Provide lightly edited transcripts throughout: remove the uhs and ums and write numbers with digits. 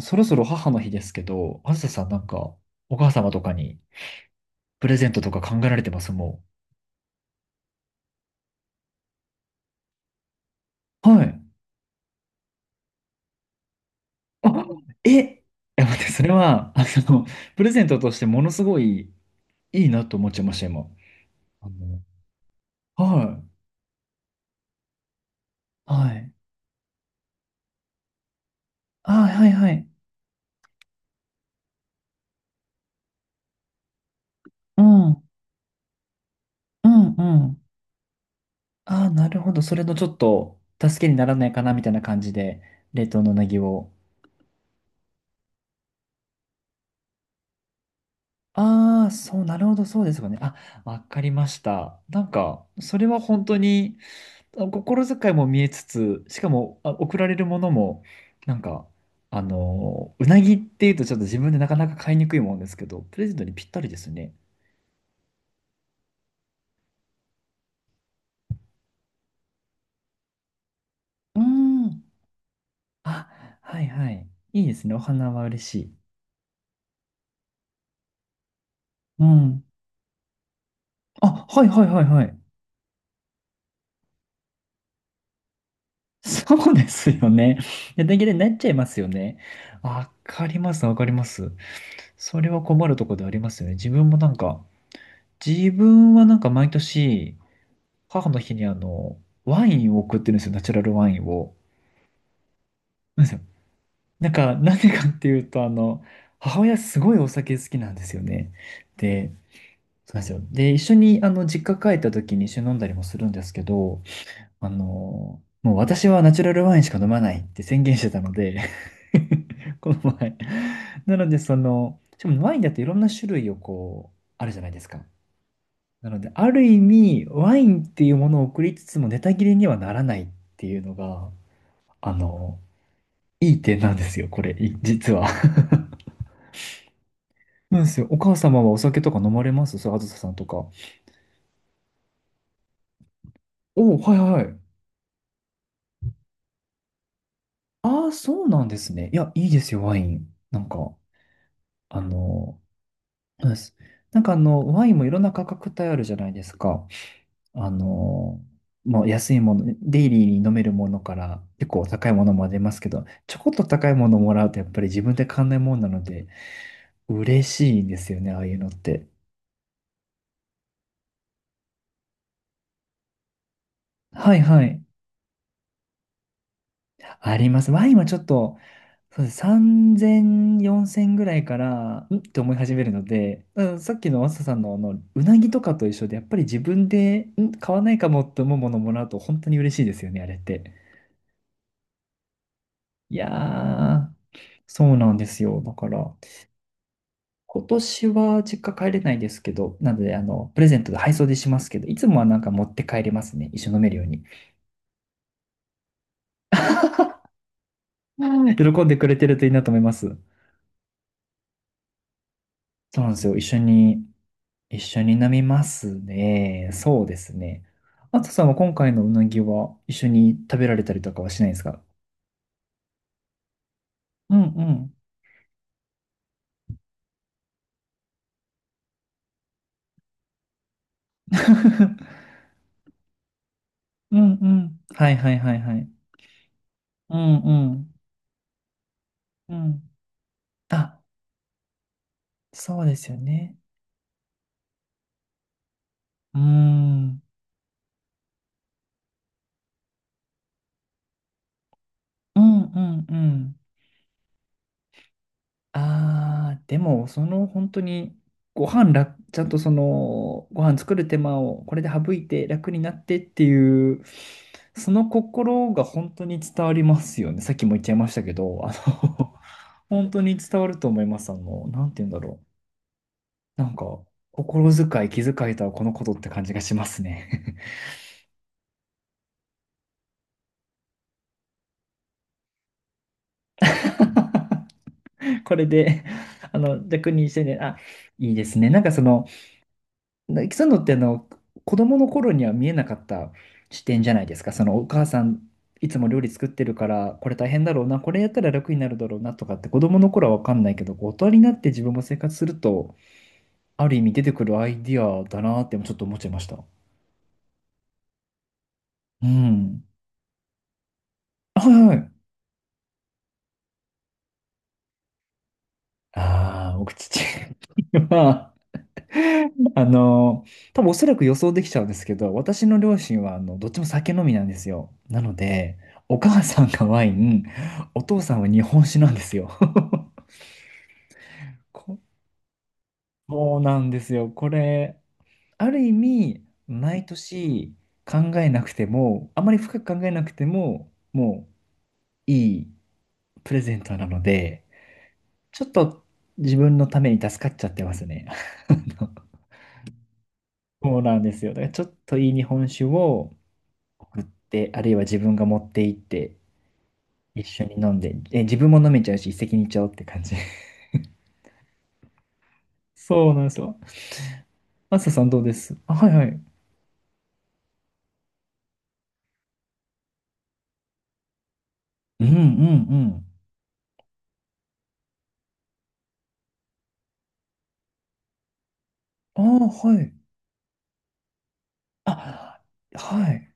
そろそろ母の日ですけど、あずささんなんか、お母様とかにプレゼントとか考えられてますもう。はい。あ、え、いや、待って、それは、の、プレゼントとしてものすごいいいなと思っちゃいました、今。あの、はい。はい。あ、はいはい。うん。うんうん。あ、なるほど。それのちょっと、助けにならないかな、みたいな感じで、冷凍のうなぎを。ああ、そう、なるほど、そうですかね。あ、わかりました。なんか、それは本当に、心遣いも見えつつ、しかも、送られるものも、なんか、うなぎっていうとちょっと自分でなかなか買いにくいもんですけど、プレゼントにぴったりですね。うん。あ、はいはい。いいですね。お花は嬉しい。うん。あ、はいはいはいはい。そうですよね。大段切れになっちゃいますよね。わかります、わかります。それは困るところでありますよね。自分もなんか、自分はなんか毎年、母の日にワインを送ってるんですよ、ナチュラルワインを。なんですよ。なんか、なんでかっていうと、母親すごいお酒好きなんですよね。で、そうなんですよ。で、一緒に、実家帰った時に一緒に飲んだりもするんですけど、もう私はナチュラルワインしか飲まないって宣言してたので この前。なので、その、しかもワインだっていろんな種類をこう、あるじゃないですか。なので、ある意味、ワインっていうものを送りつつも、ネタ切れにはならないっていうのが、あの、いい点なんですよ、これ、実は。なんですよ。お母様はお酒とか飲まれますそう、あずささんとか。はいはいはい。ああ、そうなんですね。いや、いいですよ、ワイン。なんか、あの、そうです。なんかワインもいろんな価格帯あるじゃないですか。あの、まあ、安いもの、デイリーに飲めるものから結構高いものも出ますけど、ちょこっと高いものもらうとやっぱり自分で買わないもんなので、嬉しいんですよね、ああいうのって。はいはい。あります。ワインはちょっと、そうです。3000、4000ぐらいから、んって思い始めるので、うん、さっきのマサさんのうなぎとかと一緒で、やっぱり自分で、買わないかもって思うものをもらうと本当に嬉しいですよね、あれって。いやー、そうなんですよ。だから、今年は実家帰れないですけど、なので、プレゼントで配送でしますけど、いつもはなんか持って帰れますね。一緒に飲めるように。うん、喜んでくれてるといいなと思います。そうなんですよ。一緒に飲みますね。そうですね。あとさんは今回のうなぎは一緒に食べられたりとかはしないんですか？うんうん。うんうん。はいはいはいはい。うんうん。うん。あ、そうですよね。うーん。うんうんうん。ああ、でも、その本当に、ご飯ら、ちゃんとその、ご飯作る手間をこれで省いて楽になってっていう、その心が本当に伝わりますよね。さっきも言っちゃいましたけど、の 本当に伝わると思います。なんて言うんだろう。なんか、心遣い、気遣いとはこのことって感じがしますね。これで、逆にしてね、あ、いいですね。なんかその、でそうなのって、あの子供の頃には見えなかった視点じゃないですか。そのお母さんいつも料理作ってるからこれ大変だろうな、これやったら楽になるだろうなとかって子供の頃は分かんないけど、こう大人になって自分も生活するとある意味出てくるアイディアだなってちょっと思っちゃいました。うん。はいはい。ああ、僕父 はあの、多分おそらく予想できちゃうんですけど、私の両親はあのどっちも酒飲みなんですよ。なので、お母さんがワイン、お父さんは日本酒なんですよ。こそうなんですよ。これ、ある意味、毎年考えなくても、あまり深く考えなくても、もういいプレゼントなので、ちょっと自分のために助かっちゃってますね。そうなんですよ。だからちょっといい日本酒を、売って、あるいは自分が持って行って一緒に飲んで、え、自分も飲めちゃうし一石二鳥って感じ。そうなんですよ。マサさんどうです？あ、はいはい。うんうんうん。ああ、はい。あ、はい。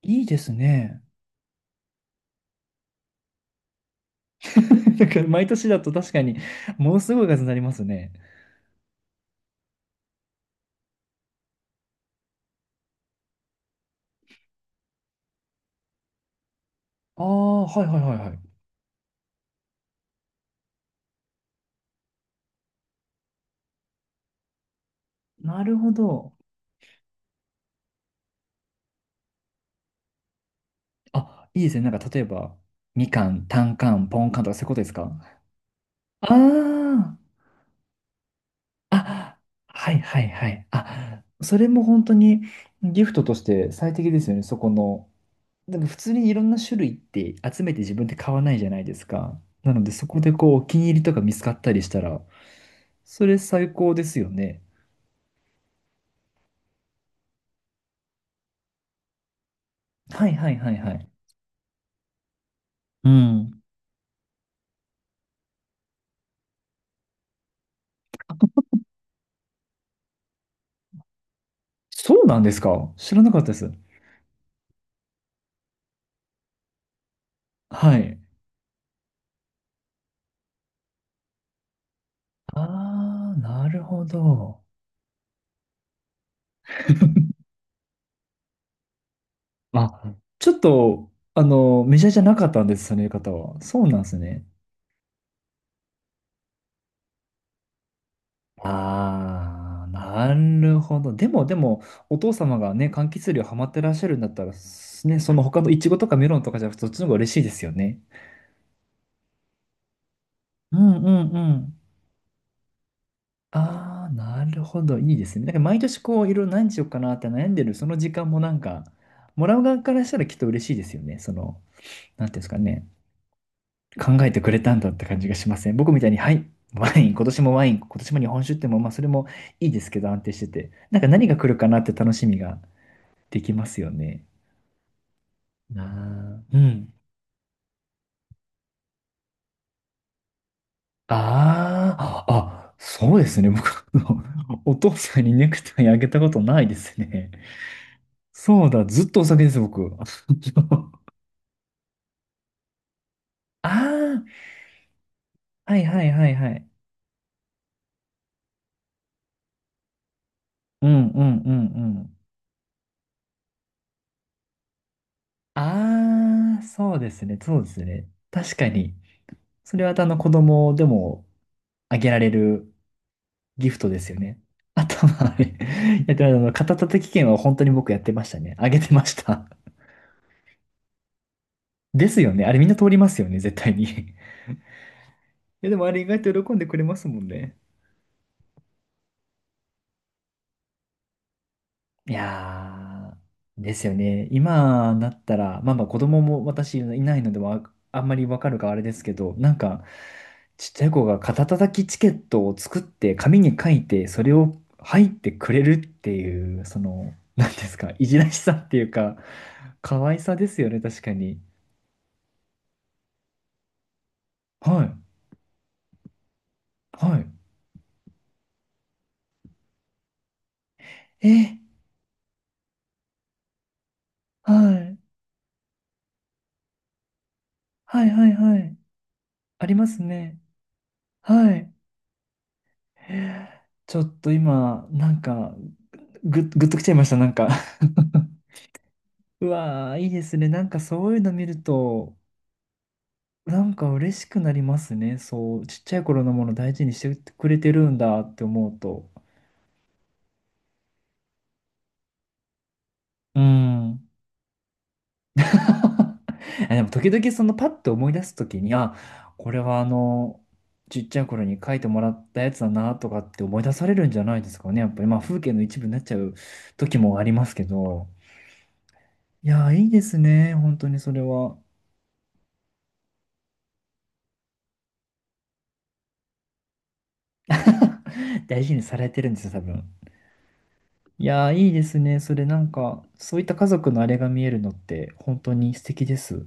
いいですね。だから毎年だと確かにものすごい数になりますね。ああ、はいはいはいはい。なるほど。あ、いいですね。なんか例えば、みかん、たんかん、ぽんかんとかそういうことですか？ああ。あ、はいはいはい。あ、それも本当にギフトとして最適ですよね、そこの。でも普通にいろんな種類って集めて自分で買わないじゃないですか。なのでそこでこうお気に入りとか見つかったりしたら、それ最高ですよね。はいはいはいはい。うん。そうなんですか、知らなかったです。はい。ああ、なるほど。あ、ちょっと、メジャーじゃなかったんです、その言い方は。そうなんですね。ああ、なるほど。でも、でも、お父様がね、柑橘類ハマってらっしゃるんだったら、すね、その他のイチゴとかメロンとかじゃなくて、そっちの方が嬉しいですよね。うんうんうん。ああ、なるほど。いいですね。なんか毎年こう、いろいろ何しようかなって悩んでる、その時間もなんか、もらう側からしたらきっと嬉しいですよね。その、なんていうんですかね。考えてくれたんだって感じがしません？僕みたいに、はい、ワイン、今年もワイン、今年も日本酒っても、まあ、それもいいですけど、安定してて。なんか何が来るかなって楽しみが。できますよね。なあ、うん。ああ、あ、そうですね。僕、あのお父さんにネクタイあげたことないですね。そうだ、ずっとお酒です、僕。ああ、はいはいはいはい。うんうんうんうん。ああ、そうですね、そうですね。確かに。それはあの子供でもあげられるギフトですよね。あとはあれ、やってましたあの、肩たたき券は本当に僕やってましたね。あげてました。ですよね。あれみんな通りますよね、絶対に。いや、でもあれ意外と喜んでくれますもんね。いやー、ですよね。今だったら、まあまあ子供も私いないので、あんまりわかるかあれですけど、なんか、ちっちゃい子が肩たたきチケットを作って紙に書いて、それを入ってくれるっていう、その、なんですか、いじらしさっていうか、可愛さですよね、確かに。はい、はい。え、はい、はい、はい、はい。ありますね。はい。ちょっと今、なんか、ぐっときちゃいました、なんか。うわー、いいですね。なんかそういうの見ると、なんか嬉しくなりますね。そう、ちっちゃい頃のもの大事にしてくれてるんだって思うと。うん。あ、でも時々そのパッと思い出す時に、あ、これはちっちゃい頃に書いてもらったやつだなとかって思い出されるんじゃないですかね。やっぱりまあ風景の一部になっちゃう時もありますけど。いやー、いいですね。本当にそれは。大事にされてるんですよ、多分。いやー、いいですね。それなんか、そういった家族のあれが見えるのって、本当に素敵です。